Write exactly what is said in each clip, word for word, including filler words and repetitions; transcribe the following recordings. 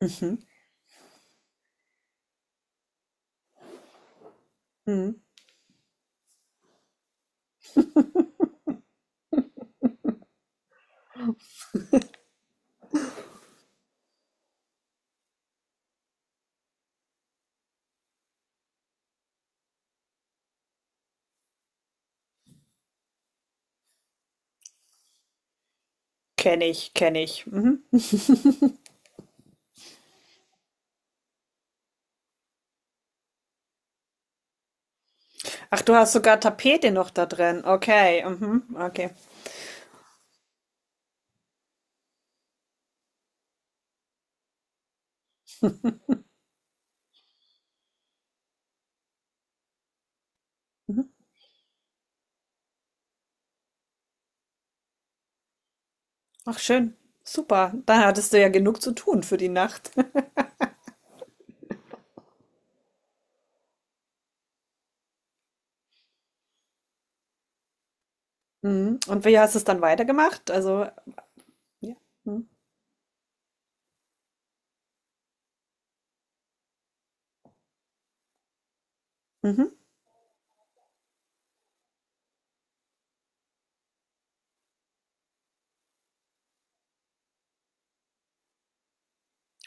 Mhm, mhm. Kenne ich, kenne ich. Mhm. Ach, du hast sogar Tapete noch da drin. Okay, mhm, okay. Mhm. Ach, schön. Super. Da hattest du ja genug zu tun für die Nacht. Mhm. Und wie hast du es dann weitergemacht? Also, ja. Mhm. Mhm.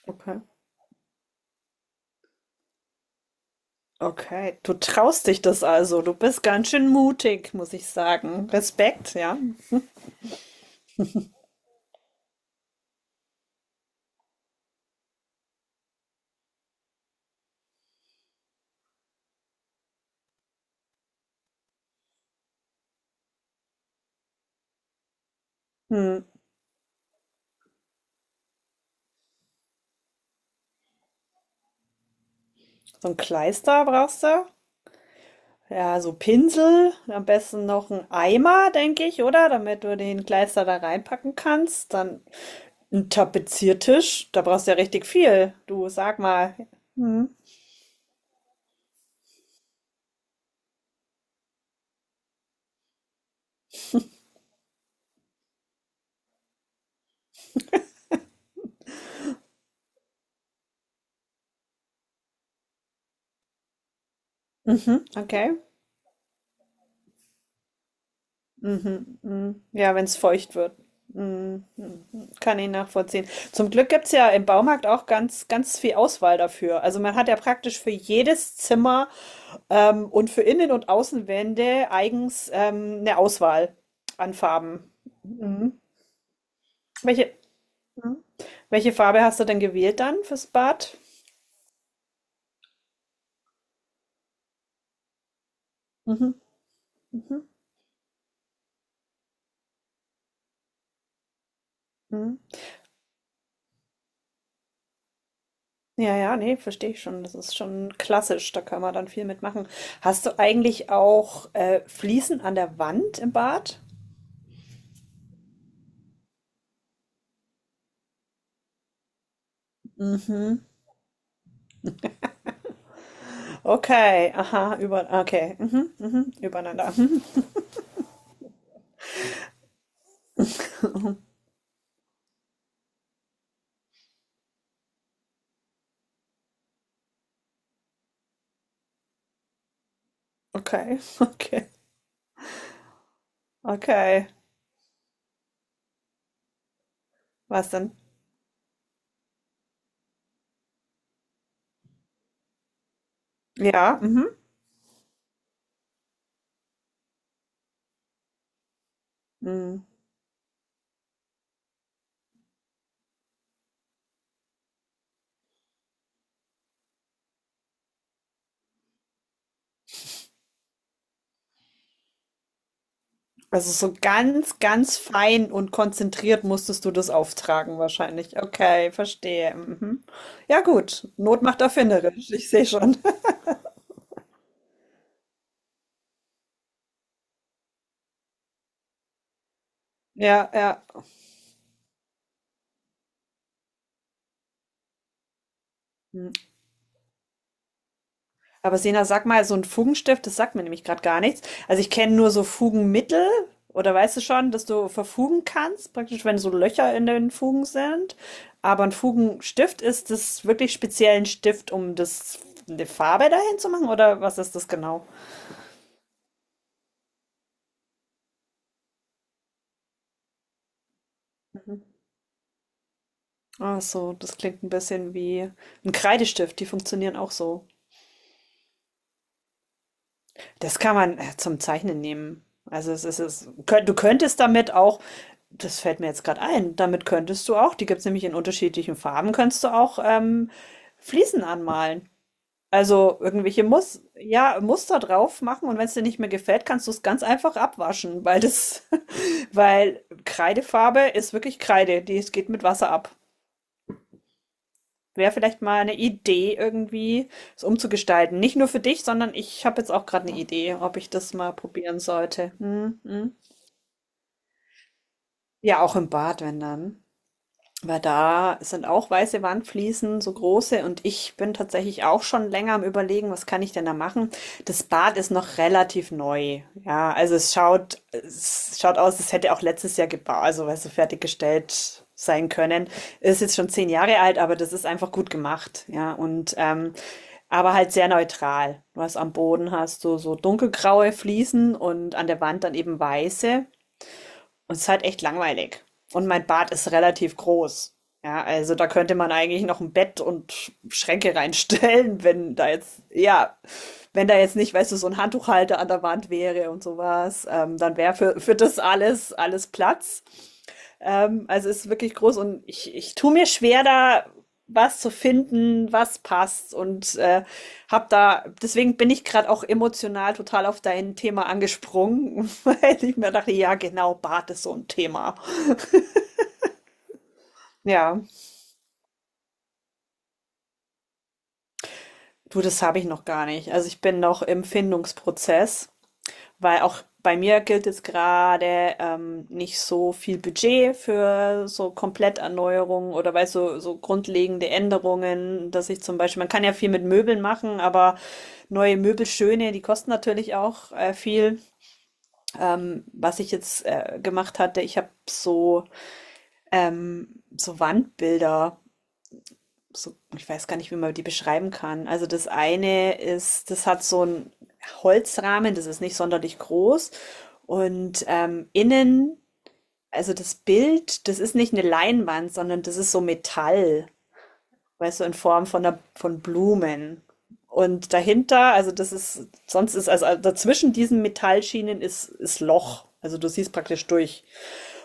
Okay. Okay. Du traust dich das also. Du bist ganz schön mutig, muss ich sagen. Respekt, ja. Mhm. So ein Kleister brauchst du? Ja, so Pinsel, am besten noch ein Eimer, denke ich, oder? Damit du den Kleister da reinpacken kannst. Dann ein Tapeziertisch, da brauchst du ja richtig viel. Du sag mal. Hm. Mhm, okay. Mhm, mhm. Ja, wenn es feucht wird. Mhm, mhm. Kann ich nachvollziehen. Zum Glück gibt es ja im Baumarkt auch ganz, ganz viel Auswahl dafür. Also man hat ja praktisch für jedes Zimmer ähm, und für Innen- und Außenwände eigens ähm, eine Auswahl an Farben. Mhm. Welche, mhm, welche Farbe hast du denn gewählt dann fürs Bad? Mhm. Mhm. Mhm. Ja, ja, nee, verstehe ich schon. Das ist schon klassisch. Da kann man dann viel mitmachen. Hast du eigentlich auch äh, Fliesen an der Wand im Bad? Mhm. Okay, aha, über, okay, mhm, mhm, übereinander. Mhm. Okay, okay, okay. Was denn? Ja, mhm. Mhm. Also so ganz, ganz fein und konzentriert musstest du das auftragen wahrscheinlich. Okay, verstehe. Mhm. Ja gut, Not macht erfinderisch, ich sehe schon. Ja, ja. Hm. Aber Sena, sag mal, so ein Fugenstift, das sagt mir nämlich gerade gar nichts. Also ich kenne nur so Fugenmittel oder weißt du schon, dass du verfugen kannst, praktisch wenn so Löcher in den Fugen sind. Aber ein Fugenstift ist das wirklich speziell ein Stift, um das eine Farbe dahin zu machen oder was ist das genau? Ach so, das klingt ein bisschen wie ein Kreidestift, die funktionieren auch so. Das kann man äh, zum Zeichnen nehmen. Also es ist es, könnt, du könntest damit auch, das fällt mir jetzt gerade ein, damit könntest du auch, die gibt es nämlich in unterschiedlichen Farben, könntest du auch ähm, Fliesen anmalen. Also irgendwelche Mus ja, Muster drauf machen und wenn es dir nicht mehr gefällt, kannst du es ganz einfach abwaschen, weil das, weil Kreidefarbe ist wirklich Kreide, die es geht mit Wasser ab. Wäre vielleicht mal eine Idee irgendwie, es umzugestalten. Nicht nur für dich, sondern ich habe jetzt auch gerade eine Idee, ob ich das mal probieren sollte. Mhm, mhm. Ja, auch im Bad, wenn dann. Weil da sind auch weiße Wandfliesen, so große, und ich bin tatsächlich auch schon länger am Überlegen, was kann ich denn da machen? Das Bad ist noch relativ neu. Ja, also es schaut, es schaut aus, es hätte auch letztes Jahr gebaut, also weißt du, fertiggestellt sein können. Ist jetzt schon zehn Jahre alt, aber das ist einfach gut gemacht. Ja, und ähm, aber halt sehr neutral. Du hast am Boden hast du so dunkelgraue Fliesen und an der Wand dann eben weiße. Und es ist halt echt langweilig. Und mein Bad ist relativ groß. Ja, also da könnte man eigentlich noch ein Bett und Schränke reinstellen, wenn da jetzt, ja, wenn da jetzt nicht, weißt du, so ein Handtuchhalter an der Wand wäre und sowas, ähm, dann wäre für, für das alles, alles Platz. Ähm, also es ist wirklich groß und ich, ich tue mir schwer, da was zu finden, was passt und äh, habe da, deswegen bin ich gerade auch emotional total auf dein Thema angesprungen, weil ich mir dachte, ja genau, Bart ist so ein Thema. Ja, du, das habe ich noch gar nicht. Also ich bin noch im Findungsprozess. Weil auch bei mir gilt jetzt gerade ähm, nicht so viel Budget für so Kompletterneuerungen oder weil so, so grundlegende Änderungen, dass ich zum Beispiel, man kann ja viel mit Möbeln machen, aber neue Möbel schöne die kosten natürlich auch äh, viel. Ähm, was ich jetzt äh, gemacht hatte, ich habe so, ähm, so Wandbilder so, ich weiß gar nicht, wie man die beschreiben kann. Also das eine ist, das hat so einen Holzrahmen, das ist nicht sonderlich groß. Und ähm, innen, also das Bild, das ist nicht eine Leinwand, sondern das ist so Metall, weißt du, in Form von einer, von Blumen. Und dahinter, also das ist, sonst ist, also dazwischen diesen Metallschienen ist, ist Loch. Also du siehst praktisch durch.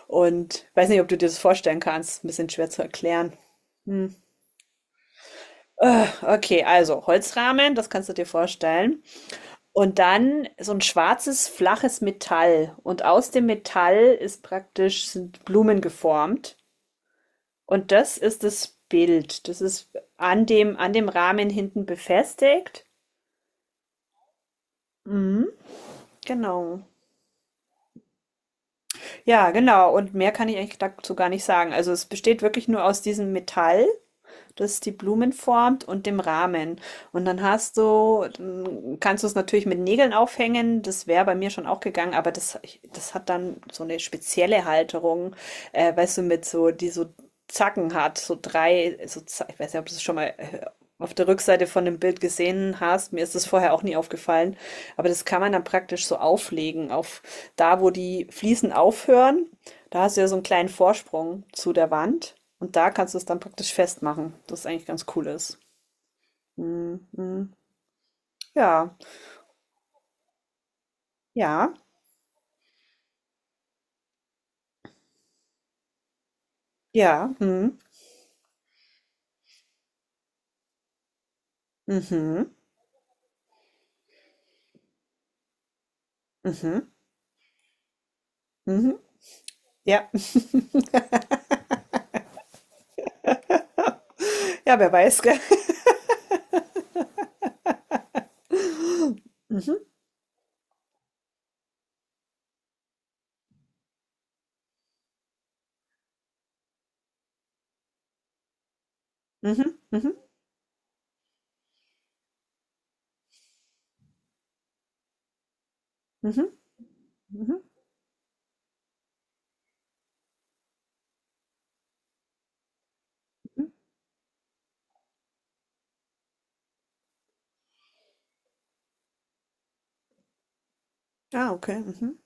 Und weiß nicht, ob du dir das vorstellen kannst. Ein bisschen schwer zu erklären. Hm. Äh, Okay, also Holzrahmen, das kannst du dir vorstellen. Und dann so ein schwarzes, flaches Metall. Und aus dem Metall ist praktisch sind Blumen geformt. Und das ist das Bild. Das ist an dem, an dem Rahmen hinten befestigt. Mhm, genau. Ja, genau. Und mehr kann ich eigentlich dazu gar nicht sagen. Also es besteht wirklich nur aus diesem Metall, das die Blumen formt und dem Rahmen. Und dann hast du, dann kannst du es natürlich mit Nägeln aufhängen. Das wäre bei mir schon auch gegangen, aber das, das hat dann so eine spezielle Halterung, äh, weißt du, mit so, die so Zacken hat, so drei, so, Z- ich weiß nicht, ob du es schon mal äh, auf der Rückseite von dem Bild gesehen hast. Mir ist das vorher auch nie aufgefallen. Aber das kann man dann praktisch so auflegen, auf da, wo die Fliesen aufhören da hast du ja so einen kleinen Vorsprung zu der Wand und da kannst du es dann praktisch festmachen, das ist eigentlich ganz cool ist. Mhm, mhm. Ja, ja, ja, mhm, mhm, mhm, mhm, ja. Ja, wer weiß, gell? Mhm, mhm, mhm, mhm, mhm. Ah, okay, mhm.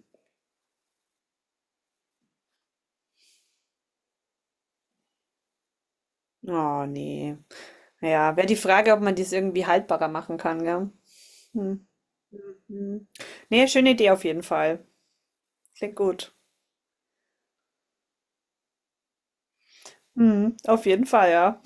Oh ne. Ja, wäre die Frage, ob man dies irgendwie haltbarer machen kann, gell? Mhm, mhm. Ne, schöne Idee auf jeden Fall. Klingt gut. Mhm, auf jeden Fall, ja.